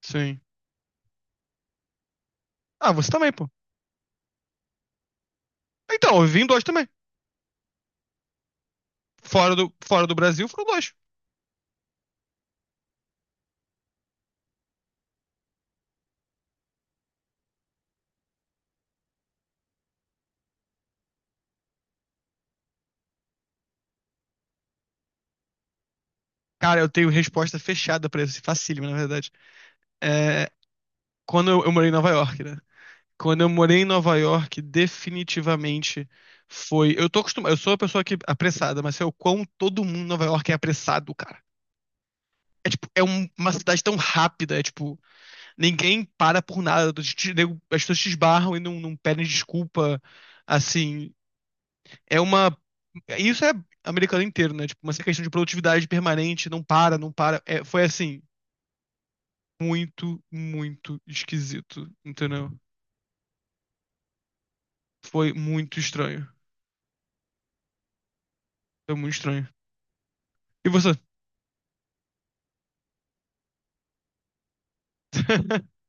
Sim. Ah, você também, pô. Então, eu vim em dois também. Fora do Brasil, foram dois. Cara, eu tenho resposta fechada pra isso. Facílimo, na verdade. É, quando eu morei em Nova York, né? Quando eu morei em Nova York, definitivamente foi. Eu tô acostumado. Eu sou uma pessoa que é apressada, mas sei o quão todo mundo em Nova York é apressado, cara. É tipo, uma cidade tão rápida, é tipo, ninguém para por nada. As pessoas te esbarram e não pedem desculpa. Assim, é uma. Isso é americano inteiro, né? Tipo, uma questão de produtividade permanente, não para, não para. É, foi assim, muito, muito esquisito, entendeu? Foi muito estranho. Foi muito estranho. E você?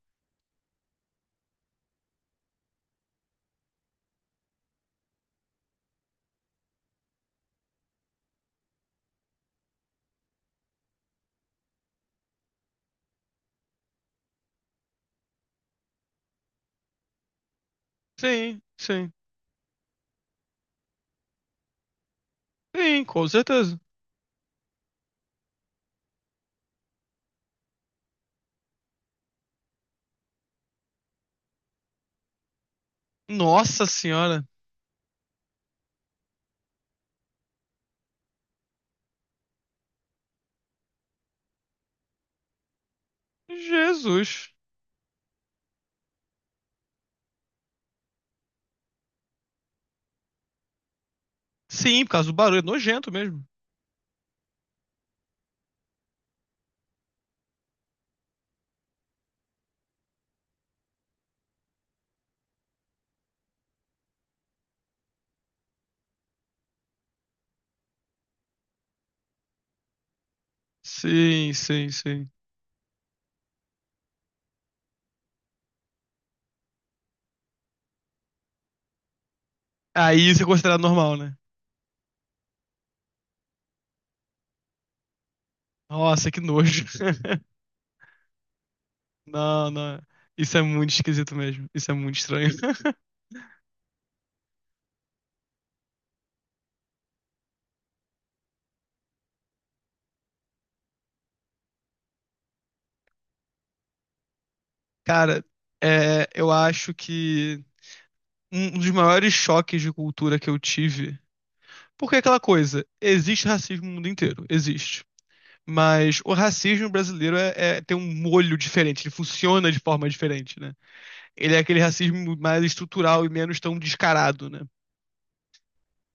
Sim, sim. Sim, com certeza. Nossa senhora. Jesus. Sim, por causa do barulho, é nojento mesmo. Sim, sim, sim. Aí isso é considerado normal, né? Nossa, que nojo. Não, não. Isso é muito esquisito mesmo. Isso é muito estranho. Cara, eu acho que um dos maiores choques de cultura que eu tive. Porque é aquela coisa, existe racismo no mundo inteiro, existe. Mas o racismo brasileiro tem um molho diferente, ele funciona de forma diferente, né? Ele é aquele racismo mais estrutural e menos tão descarado, né?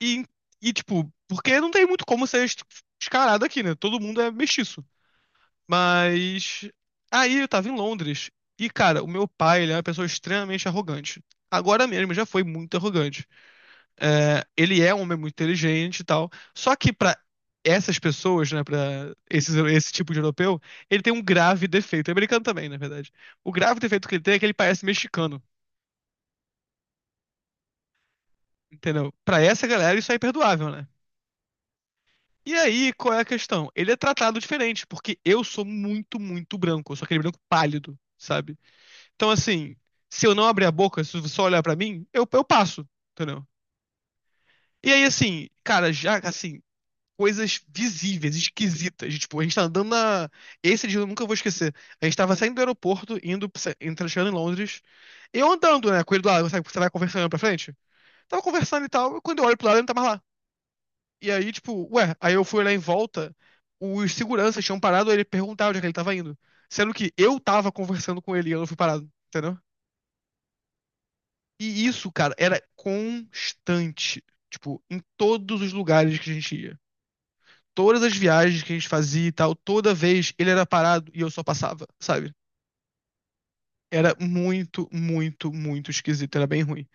E, e tipo, porque não tem muito como descarado aqui, né? Todo mundo é mestiço. Mas aí eu tava em Londres e, cara, o meu pai, ele é uma pessoa extremamente arrogante. Agora mesmo já foi muito arrogante. É, ele é um homem muito inteligente e tal. Só que pra essas pessoas, né, esse tipo de europeu, ele tem um grave defeito. É americano também, na verdade. O grave defeito que ele tem é que ele parece mexicano, entendeu? Pra essa galera isso é imperdoável, né? E aí, qual é a questão? Ele é tratado diferente, porque eu sou muito, muito branco. Eu sou aquele branco pálido, sabe? Então, assim, se eu não abrir a boca, se você só olhar pra mim, eu passo, entendeu? E aí, assim, cara, já, assim, coisas visíveis, esquisitas. Tipo, a gente tá andando na. Esse dia eu nunca vou esquecer. A gente tava saindo do aeroporto, chegando em Londres. Eu andando, né, com ele do lado, sabe, você vai conversando olhando pra frente? Tava conversando e tal, e quando eu olho pro lado, ele não tá mais lá. E aí, tipo, ué, aí eu fui olhar em volta, os seguranças tinham parado, ele perguntava onde é que ele tava indo. Sendo que eu tava conversando com ele e eu não fui parado, entendeu? E isso, cara, era constante. Tipo, em todos os lugares que a gente ia. Todas as viagens que a gente fazia e tal, toda vez ele era parado e eu só passava, sabe? Era muito, muito, muito esquisito, era bem ruim.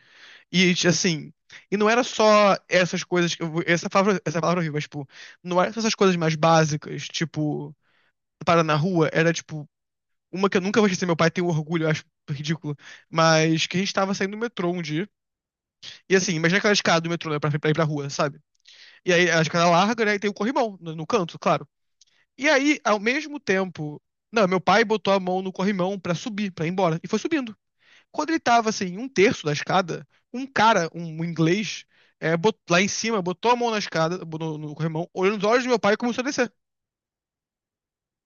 E assim, e não era só essas coisas, essa palavra é horrível, mas tipo, não era só essas coisas mais básicas, tipo, parar na rua, era tipo, uma que eu nunca vou esquecer. Meu pai tem um orgulho, eu acho ridículo, mas que a gente tava saindo do metrô um dia, e assim, imagina aquela escada do metrô, né, pra ir pra rua, sabe? E aí a escada larga, né? E tem o corrimão no canto, claro. E aí, ao mesmo tempo. Não, meu pai botou a mão no corrimão pra subir, pra ir embora. E foi subindo. Quando ele tava assim, um terço da escada, um cara, um inglês, lá em cima, botou a mão na escada, no corrimão, olhou nos olhos do meu pai e começou a descer.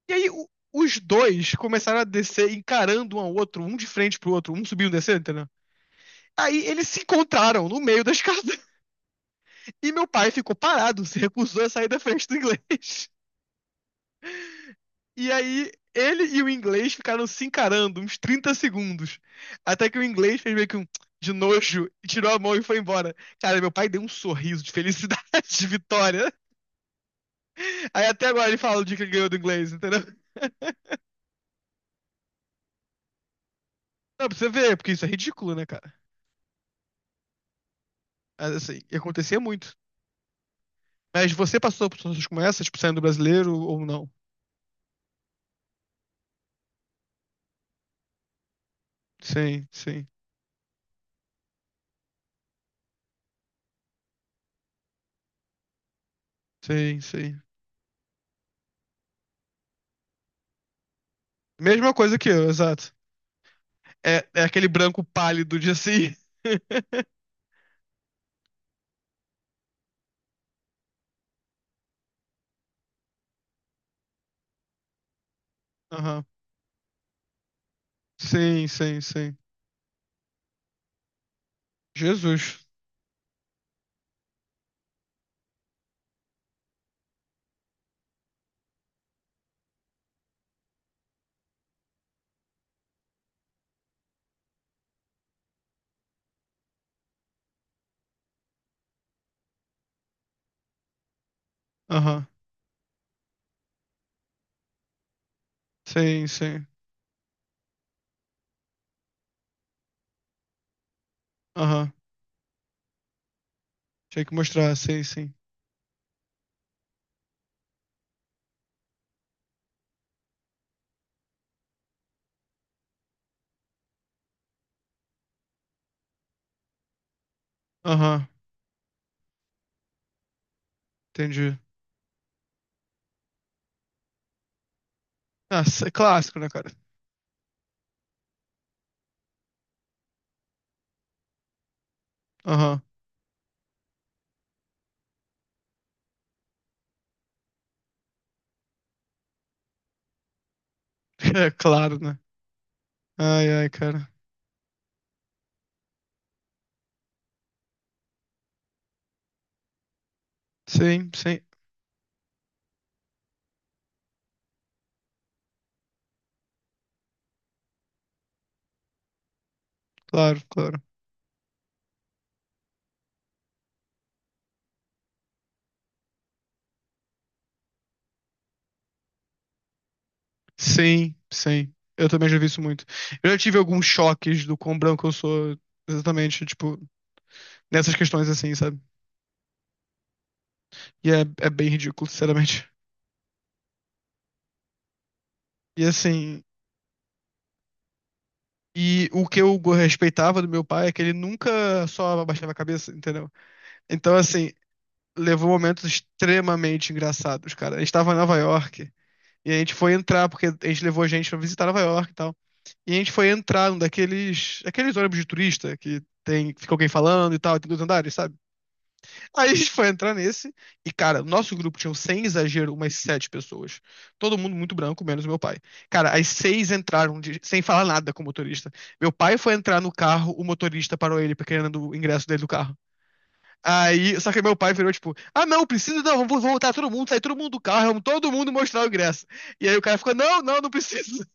E aí o- os dois começaram a descer, encarando um ao outro, um de frente pro outro, um subindo e descendo, entendeu? Aí eles se encontraram no meio da escada. E meu pai ficou parado, se recusou a sair da frente do inglês. E aí, ele e o inglês ficaram se encarando uns 30 segundos. Até que o inglês fez meio que um de nojo, e tirou a mão e foi embora. Cara, meu pai deu um sorriso de felicidade, de vitória. Aí até agora ele fala o dia que ele ganhou do inglês, entendeu? Não, pra você ver, porque isso é ridículo, né, cara? Mas, assim, e acontecia muito. Mas você passou por situações como essa, tipo, saindo brasileiro ou não? Sim, sim, sim, sim. Mesma coisa que eu, exato. É, é aquele branco pálido de assim. Aham. Sim, sim, sim. Jesus. Aham. Sim, sim. Aham. Tinha que mostrar, sim, sim. Aham. Entendi. Ah, isso é clássico, né, cara? Aham. É claro, né? Ai, ai, cara. Sim, sim. Claro, claro. Sim, sim. Eu também já vi isso muito. Eu já tive alguns choques do quão branco eu sou, exatamente, tipo, nessas questões assim, sabe? E é, é bem ridículo, sinceramente. E assim, e o respeitava do meu pai é que ele nunca só abaixava a cabeça, entendeu? Então, assim, levou momentos extremamente engraçados, cara. A gente tava em Nova York e a gente foi entrar, porque a gente levou gente pra visitar Nova York e tal. E a gente foi entrar num daqueles, aqueles ônibus de turista que tem, fica alguém falando e tal, tem dois andares, sabe? Aí a gente foi entrar nesse e, cara, nosso grupo tinha, sem exagero, umas 7 pessoas. Todo mundo muito branco, menos meu pai. Cara, as seis entraram sem falar nada com o motorista. Meu pai foi entrar no carro, o motorista parou ele, porque querendo o ingresso dele do carro. Aí, só que meu pai virou tipo, ah não, precisa não, vamos voltar todo mundo, sair todo mundo do carro, vamos todo mundo mostrar o ingresso. E aí o cara ficou, não, não, não precisa.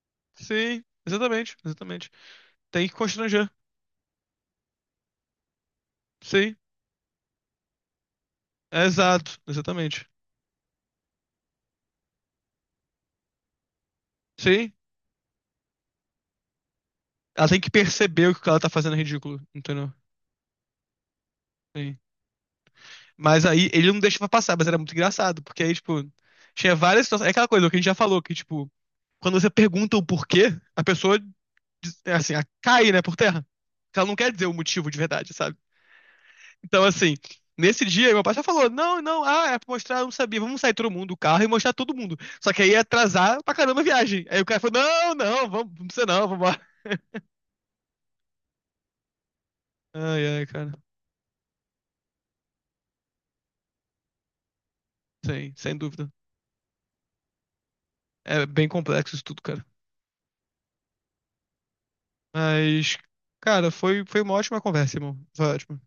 Sim, exatamente, exatamente. Tem que constranger. Sim, exato, exatamente. Sim, ela tem que perceber o que ela tá fazendo é ridículo, entendeu? Sim. Mas aí ele não deixava passar, mas era muito engraçado, porque aí, tipo, tinha várias situações. É aquela coisa que a gente já falou, que, tipo, quando você pergunta o porquê, a pessoa, é assim, ela cai, né, por terra. Porque ela não quer dizer o motivo de verdade, sabe? Então, assim, nesse dia, meu pai só falou: não, não, ah, é pra mostrar, eu não sabia, vamos sair todo mundo do carro e mostrar todo mundo. Só que aí ia atrasar pra caramba a viagem. Aí o cara falou: não, não, vamos, não precisa não, vambora. Ai, ai, cara, sim, sem dúvida. É bem complexo isso tudo, cara. Mas, cara, foi, foi uma ótima conversa, irmão. Foi ótimo.